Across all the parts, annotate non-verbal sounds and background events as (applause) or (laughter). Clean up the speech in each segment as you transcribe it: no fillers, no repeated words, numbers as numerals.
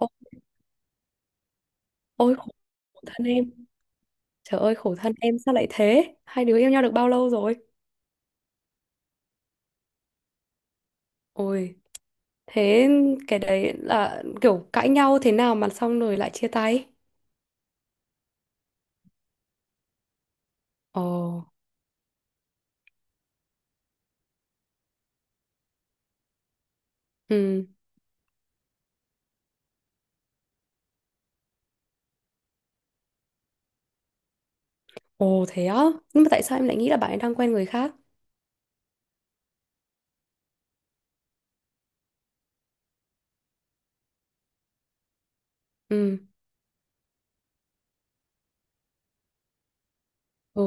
Ô- Ôi khổ, khổ thân em. Trời ơi, khổ thân em, sao lại thế? Hai đứa yêu nhau được bao lâu rồi? Ôi, thế cái đấy là kiểu cãi nhau thế nào mà xong rồi lại chia tay? Ồ. Ừ. Ồ, thế á? Nhưng mà tại sao em lại nghĩ là bạn ấy đang quen người khác? Ừ. Ồ.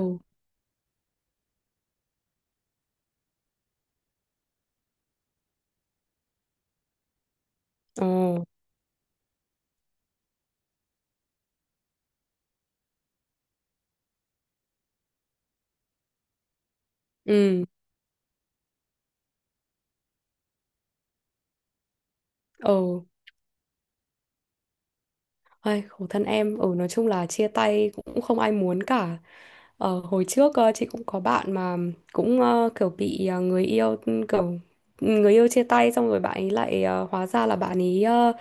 Ồ. Ừ. Ồ. Ai, khổ thân em, nói chung là chia tay cũng không ai muốn cả. Hồi trước chị cũng có bạn mà cũng kiểu bị người yêu, kiểu người yêu chia tay xong rồi bạn ấy lại hóa ra là bạn ấy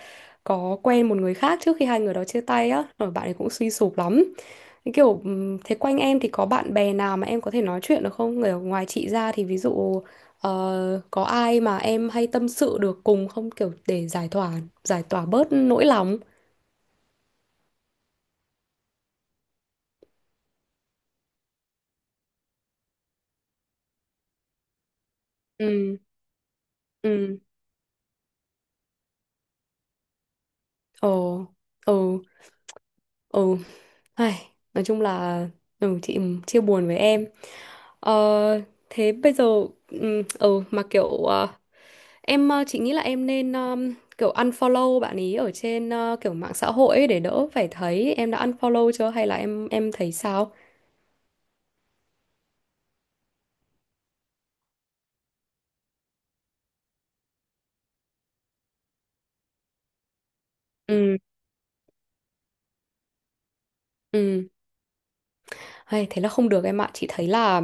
có quen một người khác trước khi hai người đó chia tay á, rồi bạn ấy cũng suy sụp lắm. Thế kiểu thế quanh em thì có bạn bè nào mà em có thể nói chuyện được không, người ngoài chị ra thì ví dụ có ai mà em hay tâm sự được cùng không, kiểu để giải tỏa bớt nỗi lòng? Ừ. Ừ. Ồ. Ờ. Ờ. Ai, nói chung là, chị chia buồn với em. ờ, Thế bây giờ, ừ, ờ, mà kiểu ờ, chị nghĩ là em nên kiểu unfollow bạn ý ở trên kiểu mạng xã hội ấy để đỡ phải thấy. Em đã unfollow chưa hay là em thấy sao? Ừ. Ừ. Hay, thế là không được em ạ. Chị thấy là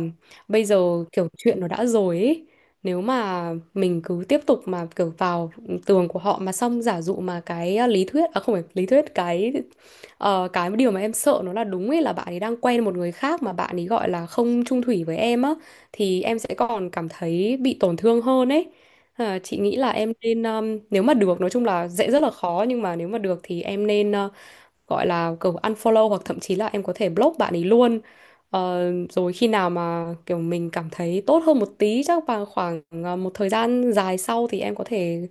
bây giờ kiểu chuyện nó đã rồi ấy. Nếu mà mình cứ tiếp tục mà kiểu vào tường của họ mà xong giả dụ mà cái lý thuyết, à không phải lý thuyết, cái cái điều mà em sợ nó là đúng ấy, là bạn ấy đang quen một người khác mà bạn ấy gọi là không chung thủy với em á, thì em sẽ còn cảm thấy bị tổn thương hơn ấy. Chị nghĩ là em nên, nếu mà được, nói chung là dễ rất là khó, nhưng mà nếu mà được thì em nên gọi là kiểu unfollow, hoặc thậm chí là em có thể block bạn ấy luôn. Ờ, Rồi khi nào mà kiểu mình cảm thấy tốt hơn một tí, chắc vào khoảng một thời gian dài sau, thì em có thể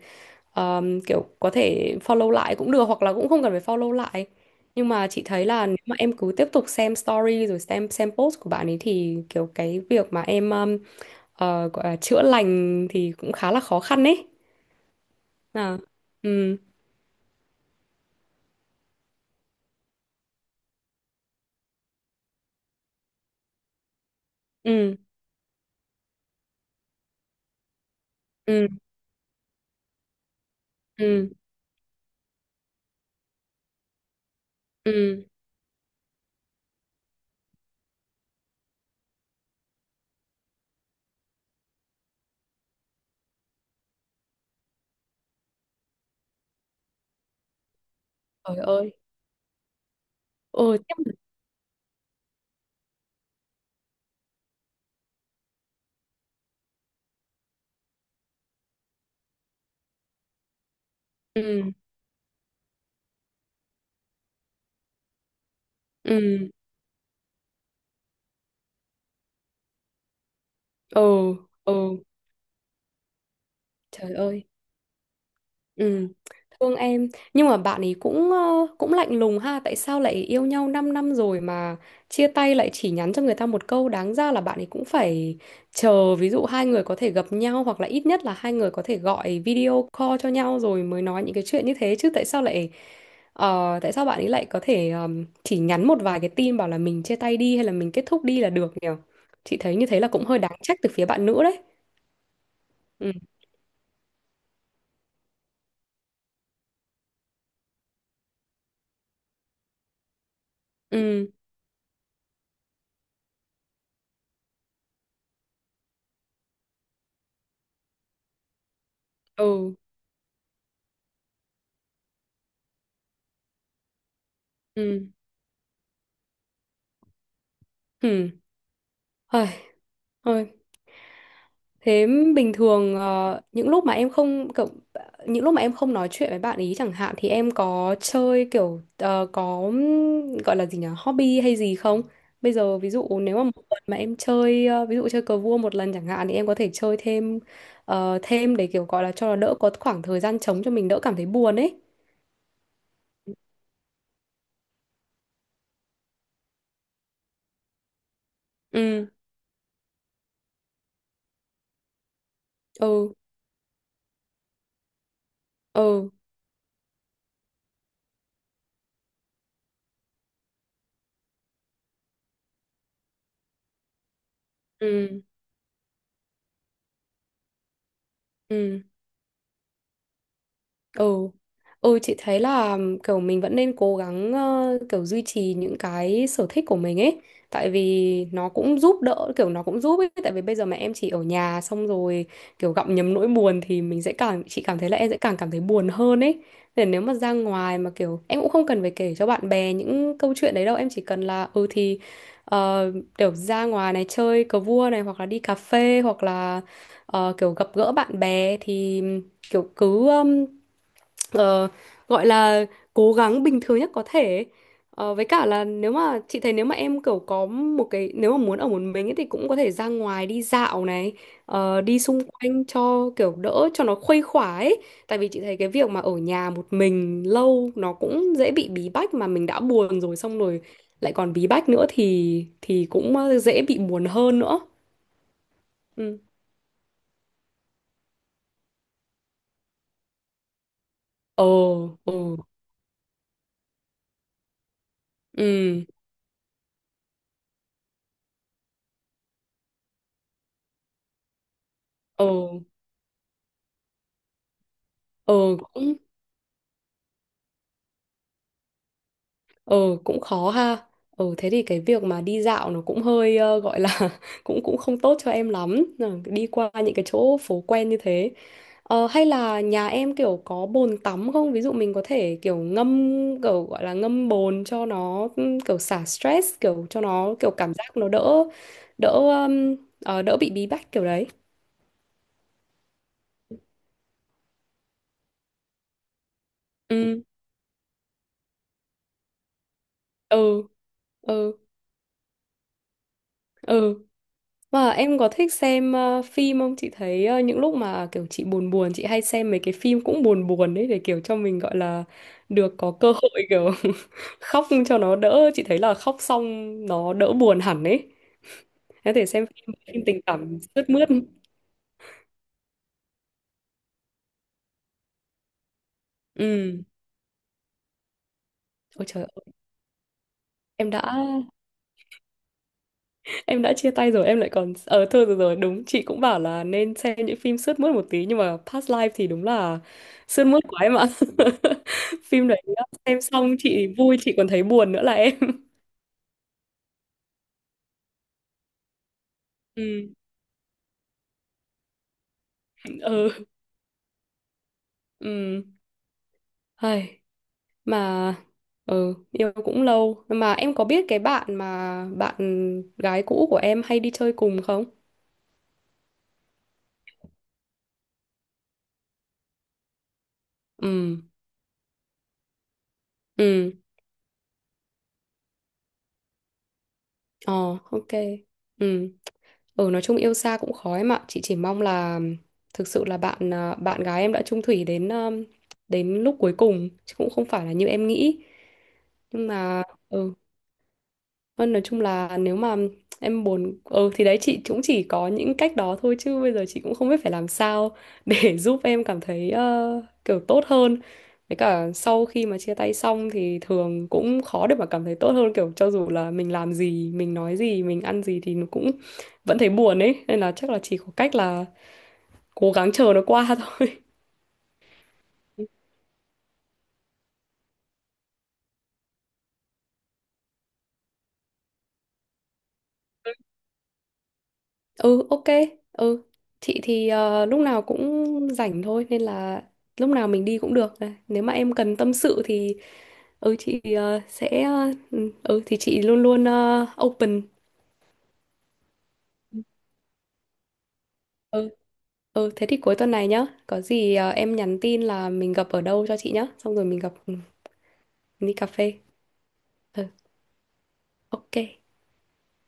kiểu có thể follow lại cũng được, hoặc là cũng không cần phải follow lại. Nhưng mà chị thấy là nếu mà em cứ tiếp tục xem story rồi xem post của bạn ấy thì kiểu cái việc mà em gọi là chữa lành thì cũng khá là khó khăn ấy. À. Ừ. Ừ. Ừ. Ừ. Ừ. Trời ơi. Ừ. Ừ. Ừ. Ừ. Ừ. Trời ơi. Ừ. Thương em, nhưng mà bạn ấy cũng cũng lạnh lùng ha, tại sao lại yêu nhau 5 năm rồi mà chia tay lại chỉ nhắn cho người ta một câu? Đáng ra là bạn ấy cũng phải chờ, ví dụ hai người có thể gặp nhau, hoặc là ít nhất là hai người có thể gọi video call cho nhau rồi mới nói những cái chuyện như thế chứ. Tại sao lại tại sao bạn ấy lại có thể chỉ nhắn một vài cái tin bảo là mình chia tay đi hay là mình kết thúc đi là được nhỉ? Chị thấy như thế là cũng hơi đáng trách từ phía bạn nữ đấy. Ừ. Ừ. Ừ. Ừ. Thôi, thôi. Thế bình thường, những lúc mà em không cậu- những lúc mà em không nói chuyện với bạn ý chẳng hạn, thì em có chơi kiểu có gọi là gì nhỉ, hobby hay gì không? Bây giờ ví dụ nếu mà một tuần mà em chơi ví dụ chơi cờ vua một lần chẳng hạn, thì em có thể chơi thêm để kiểu gọi là cho nó đỡ có khoảng thời gian trống, cho mình đỡ cảm thấy buồn ấy. Ừ. Ừ. Ừ. Ừ. Ừ. Ừ. Ừ chị thấy là kiểu mình vẫn nên cố gắng kiểu duy trì những cái sở thích của mình ấy, tại vì nó cũng giúp đỡ, kiểu nó cũng giúp ấy. Tại vì bây giờ mà em chỉ ở nhà xong rồi kiểu gặm nhấm nỗi buồn thì mình sẽ càng, chị cảm thấy là em sẽ càng cảm thấy buồn hơn ấy, nên nếu mà ra ngoài mà kiểu em cũng không cần phải kể cho bạn bè những câu chuyện đấy đâu, em chỉ cần là ừ thì ờ, kiểu ra ngoài này chơi cờ vua này, hoặc là đi cà phê, hoặc là kiểu gặp gỡ bạn bè, thì kiểu cứ ờ, gọi là cố gắng bình thường nhất có thể ấy. Với cả là nếu mà, chị thấy nếu mà em kiểu có một cái, nếu mà muốn ở một mình ấy, thì cũng có thể ra ngoài đi dạo này, đi xung quanh cho kiểu đỡ, cho nó khuây khỏa ấy, tại vì chị thấy cái việc mà ở nhà một mình lâu nó cũng dễ bị bí bách, mà mình đã buồn rồi xong rồi lại còn bí bách nữa thì cũng dễ bị buồn hơn nữa. Ừ. Ờ. Ừ. Ừ. Ờ. Ờ. Ừ, cũng khó ha. Ừ, thế thì cái việc mà đi dạo nó cũng hơi gọi là (laughs) cũng cũng không tốt cho em lắm. Ừ, đi qua những cái chỗ phố quen như thế. Ờ, hay là nhà em kiểu có bồn tắm không? Ví dụ mình có thể kiểu ngâm, kiểu gọi là ngâm bồn cho nó kiểu xả stress, kiểu cho nó kiểu cảm giác nó đỡ đỡ ờ, đỡ bị bí bách kiểu đấy. Ừ. Ừ. Ừ. Ừ. Và em có thích xem phim không? Chị thấy những lúc mà kiểu chị buồn buồn, chị hay xem mấy cái phim cũng buồn buồn đấy, để kiểu cho mình gọi là được có cơ hội kiểu (laughs) khóc cho nó đỡ. Chị thấy là khóc xong nó đỡ buồn hẳn ấy. Em có thể xem phim, phim tình cảm sướt mướt. Ừ. Ôi trời ơi, em đã em đã chia tay rồi em lại còn thôi rồi, rồi đúng, chị cũng bảo là nên xem những phim sướt mướt một tí, nhưng mà Past Life thì đúng là sướt mướt quá em ạ (laughs) phim đấy xem xong chị vui chị còn thấy buồn nữa là em (laughs) ừ. Ừ. Ừ. Hay mà, yêu cũng lâu mà, em có biết cái bạn mà bạn gái cũ của em hay đi chơi cùng không? Ừ. Ừ. Ờ. Ok. Ừ. Ừ, nói chung yêu xa cũng khó em ạ. Chị chỉ mong là thực sự là bạn, à, bạn gái em đã chung thủy đến đến lúc cuối cùng chứ cũng không phải là như em nghĩ. Nhưng mà ừ, Vâng, nói chung là nếu mà em buồn, thì đấy chị cũng chỉ có những cách đó thôi, chứ bây giờ chị cũng không biết phải làm sao để (laughs) giúp em cảm thấy kiểu tốt hơn. Với cả sau khi mà chia tay xong thì thường cũng khó để mà cảm thấy tốt hơn, kiểu cho dù là mình làm gì, mình nói gì, mình ăn gì thì nó cũng vẫn thấy buồn ấy. Nên là chắc là chỉ có cách là cố gắng chờ nó qua (laughs) thôi. Ừ, ok. Ừ. Chị thì lúc nào cũng rảnh thôi, nên là lúc nào mình đi cũng được. Nếu mà em cần tâm sự thì chị sẽ, thì chị luôn luôn open. Ừ. Ừ thế thì cuối tuần này nhá, có gì em nhắn tin là mình gặp ở đâu cho chị nhá, xong rồi mình gặp, đi cà phê. Ừ, ok.